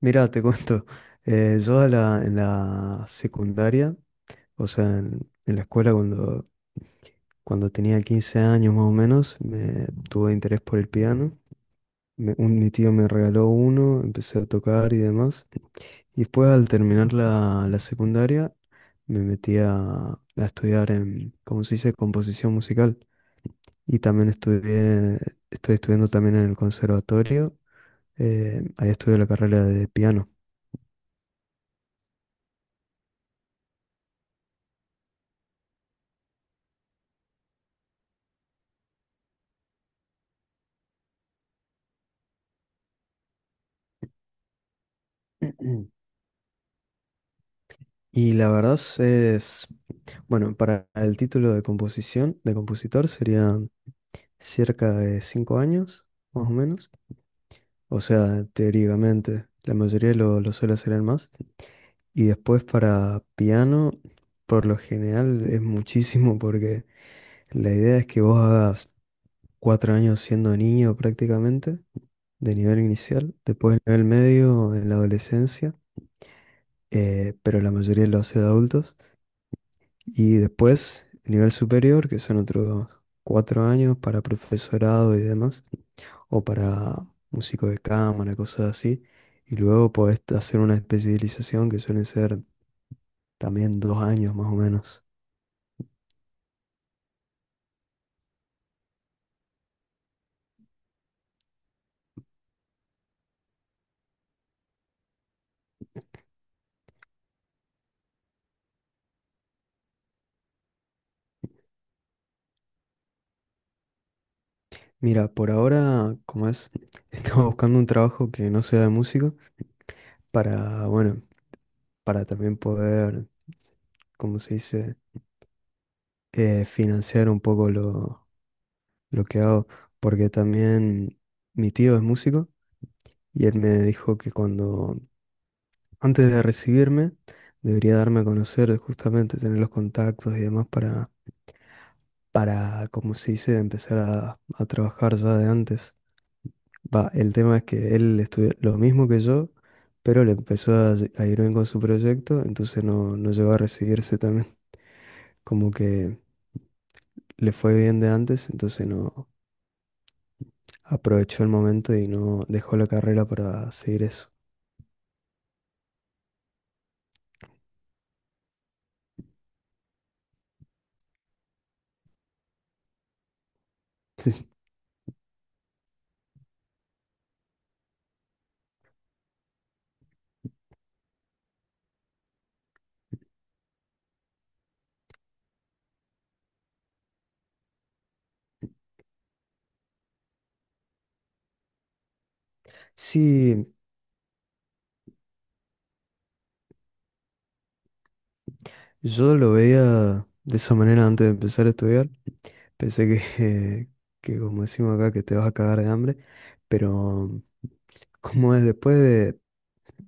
Mira, te cuento, yo en la secundaria, o sea, en la escuela cuando tenía 15 años más o menos, me tuve interés por el piano. Mi tío me regaló uno, empecé a tocar y demás. Y después al terminar la secundaria, me metí a estudiar en, ¿cómo se dice?, composición musical. Y también estoy estudiando también en el conservatorio, ahí estudio la carrera de piano. Y la verdad es, bueno, para el título de composición, de compositor, serían cerca de 5 años, más o menos. O sea, teóricamente, la mayoría lo suele hacer en más. Y después para piano, por lo general es muchísimo porque la idea es que vos hagas 4 años siendo niño prácticamente, de nivel inicial, después el nivel medio, en la adolescencia, pero la mayoría lo hace de adultos. Y después, nivel superior, que son otros 4 años para profesorado y demás, o para músico de cámara, cosas así. Y luego podés hacer una especialización que suelen ser también 2 años más o menos. Mira, por ahora, como es, estaba buscando un trabajo que no sea de músico para, bueno, para también poder, como se dice, financiar un poco lo que hago, porque también mi tío es músico. Y él me dijo que cuando antes de recibirme, debería darme a conocer, justamente tener los contactos y demás para, como se dice, empezar a trabajar ya de antes. Va, el tema es que él estudió lo mismo que yo, pero le empezó a ir bien con su proyecto, entonces no llegó a recibirse también. Como que le fue bien de antes, entonces no aprovechó el momento y no dejó la carrera para seguir eso. Sí, yo lo veía de esa manera antes de empezar a estudiar. Pensé que, que, como decimos acá, que te vas a cagar de hambre, pero como es después de,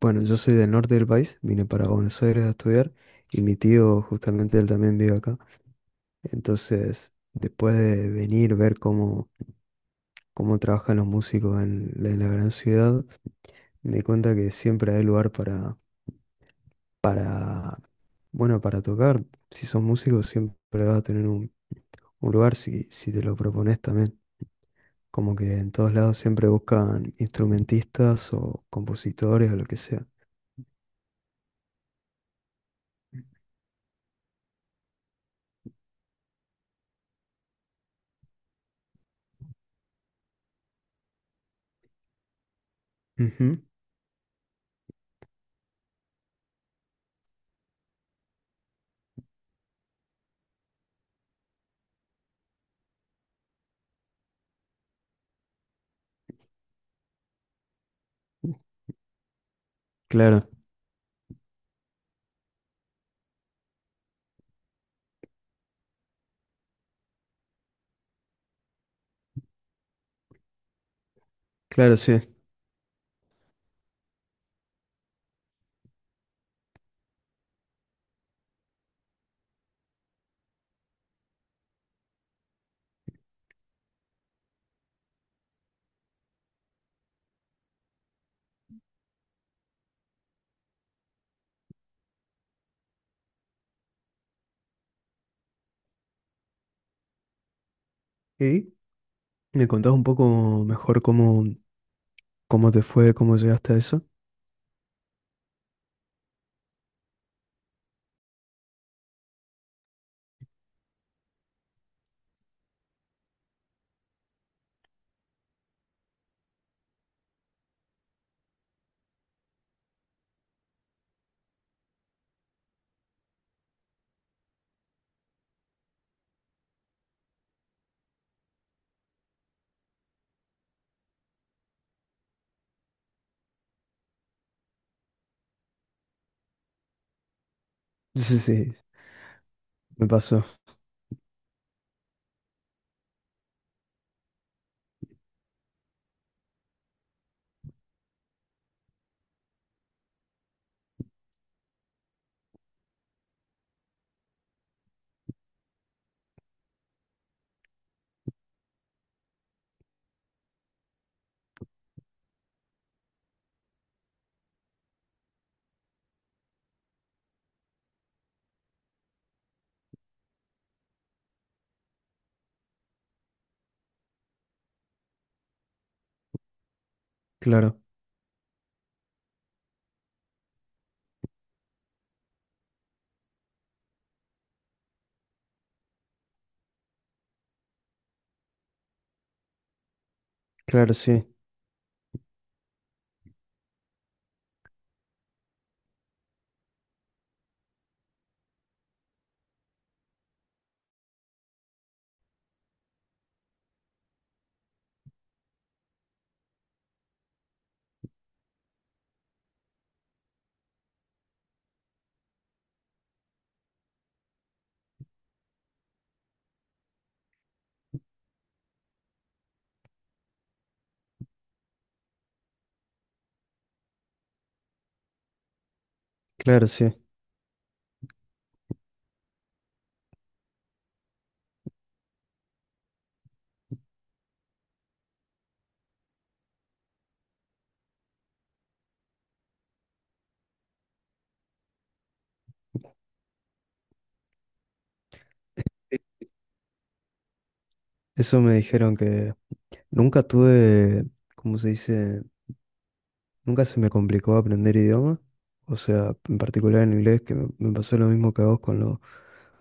bueno, yo soy del norte del país, vine para Buenos Aires a estudiar y mi tío justamente él también vive acá. Entonces, después de venir, ver cómo trabajan los músicos en la gran ciudad, me di cuenta que siempre hay lugar para, para, bueno, para tocar. Si sos músico, siempre vas a tener un lugar si te lo propones también. Como que en todos lados siempre buscan instrumentistas o compositores o lo que sea. Ujú, claro, claro, sí. ¿Y me contás un poco mejor cómo te fue, cómo llegaste a eso? Sí, sí, me pasó. Claro, claro, sí, claro, sí. Eso me dijeron que nunca tuve, ¿cómo se dice? Nunca se me complicó aprender idioma. O sea, en particular en inglés, que me pasó lo mismo que a vos con,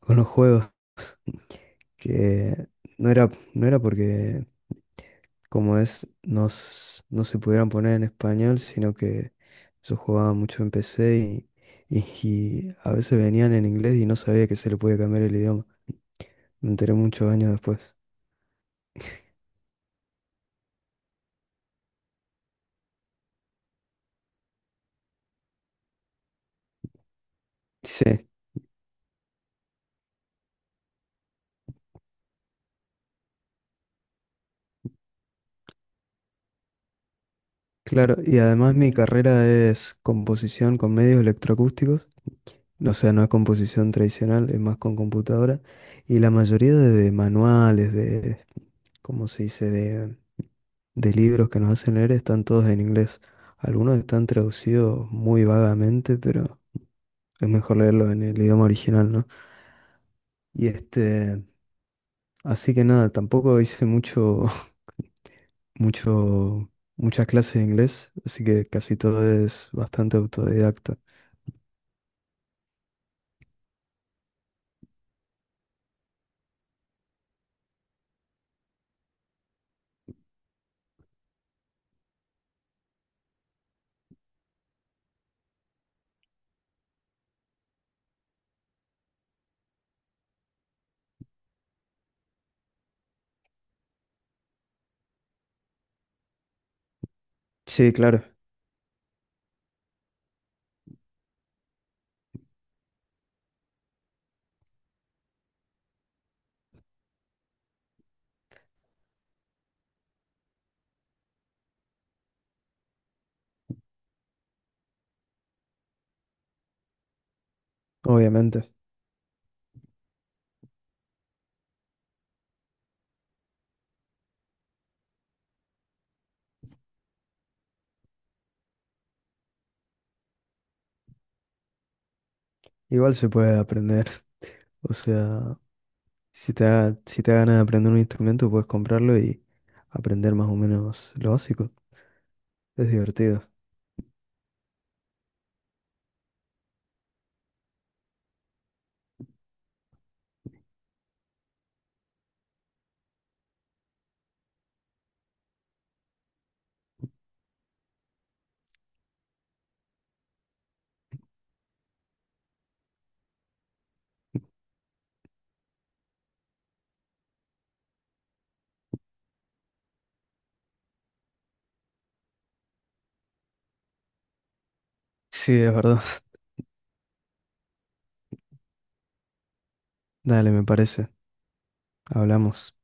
con los juegos. Que no era porque, como es, no se pudieran poner en español, sino que yo jugaba mucho en PC y a veces venían en inglés y no sabía que se le podía cambiar el idioma. Me enteré muchos años después. Sí, claro, y además mi carrera es composición con medios electroacústicos. O sea, no es composición tradicional, es más con computadora. Y la mayoría de manuales, de, ¿cómo se dice?, de libros que nos hacen leer están todos en inglés. Algunos están traducidos muy vagamente, pero es mejor leerlo en el idioma original, ¿no? Y este, así que nada, tampoco hice mucho, muchas clases de inglés, así que casi todo es bastante autodidacta. Sí, claro, obviamente. Igual se puede aprender. O sea, si te da ganas de aprender un instrumento, puedes comprarlo y aprender más o menos lo básico. Es divertido. Sí, es verdad. Dale, me parece. Hablamos.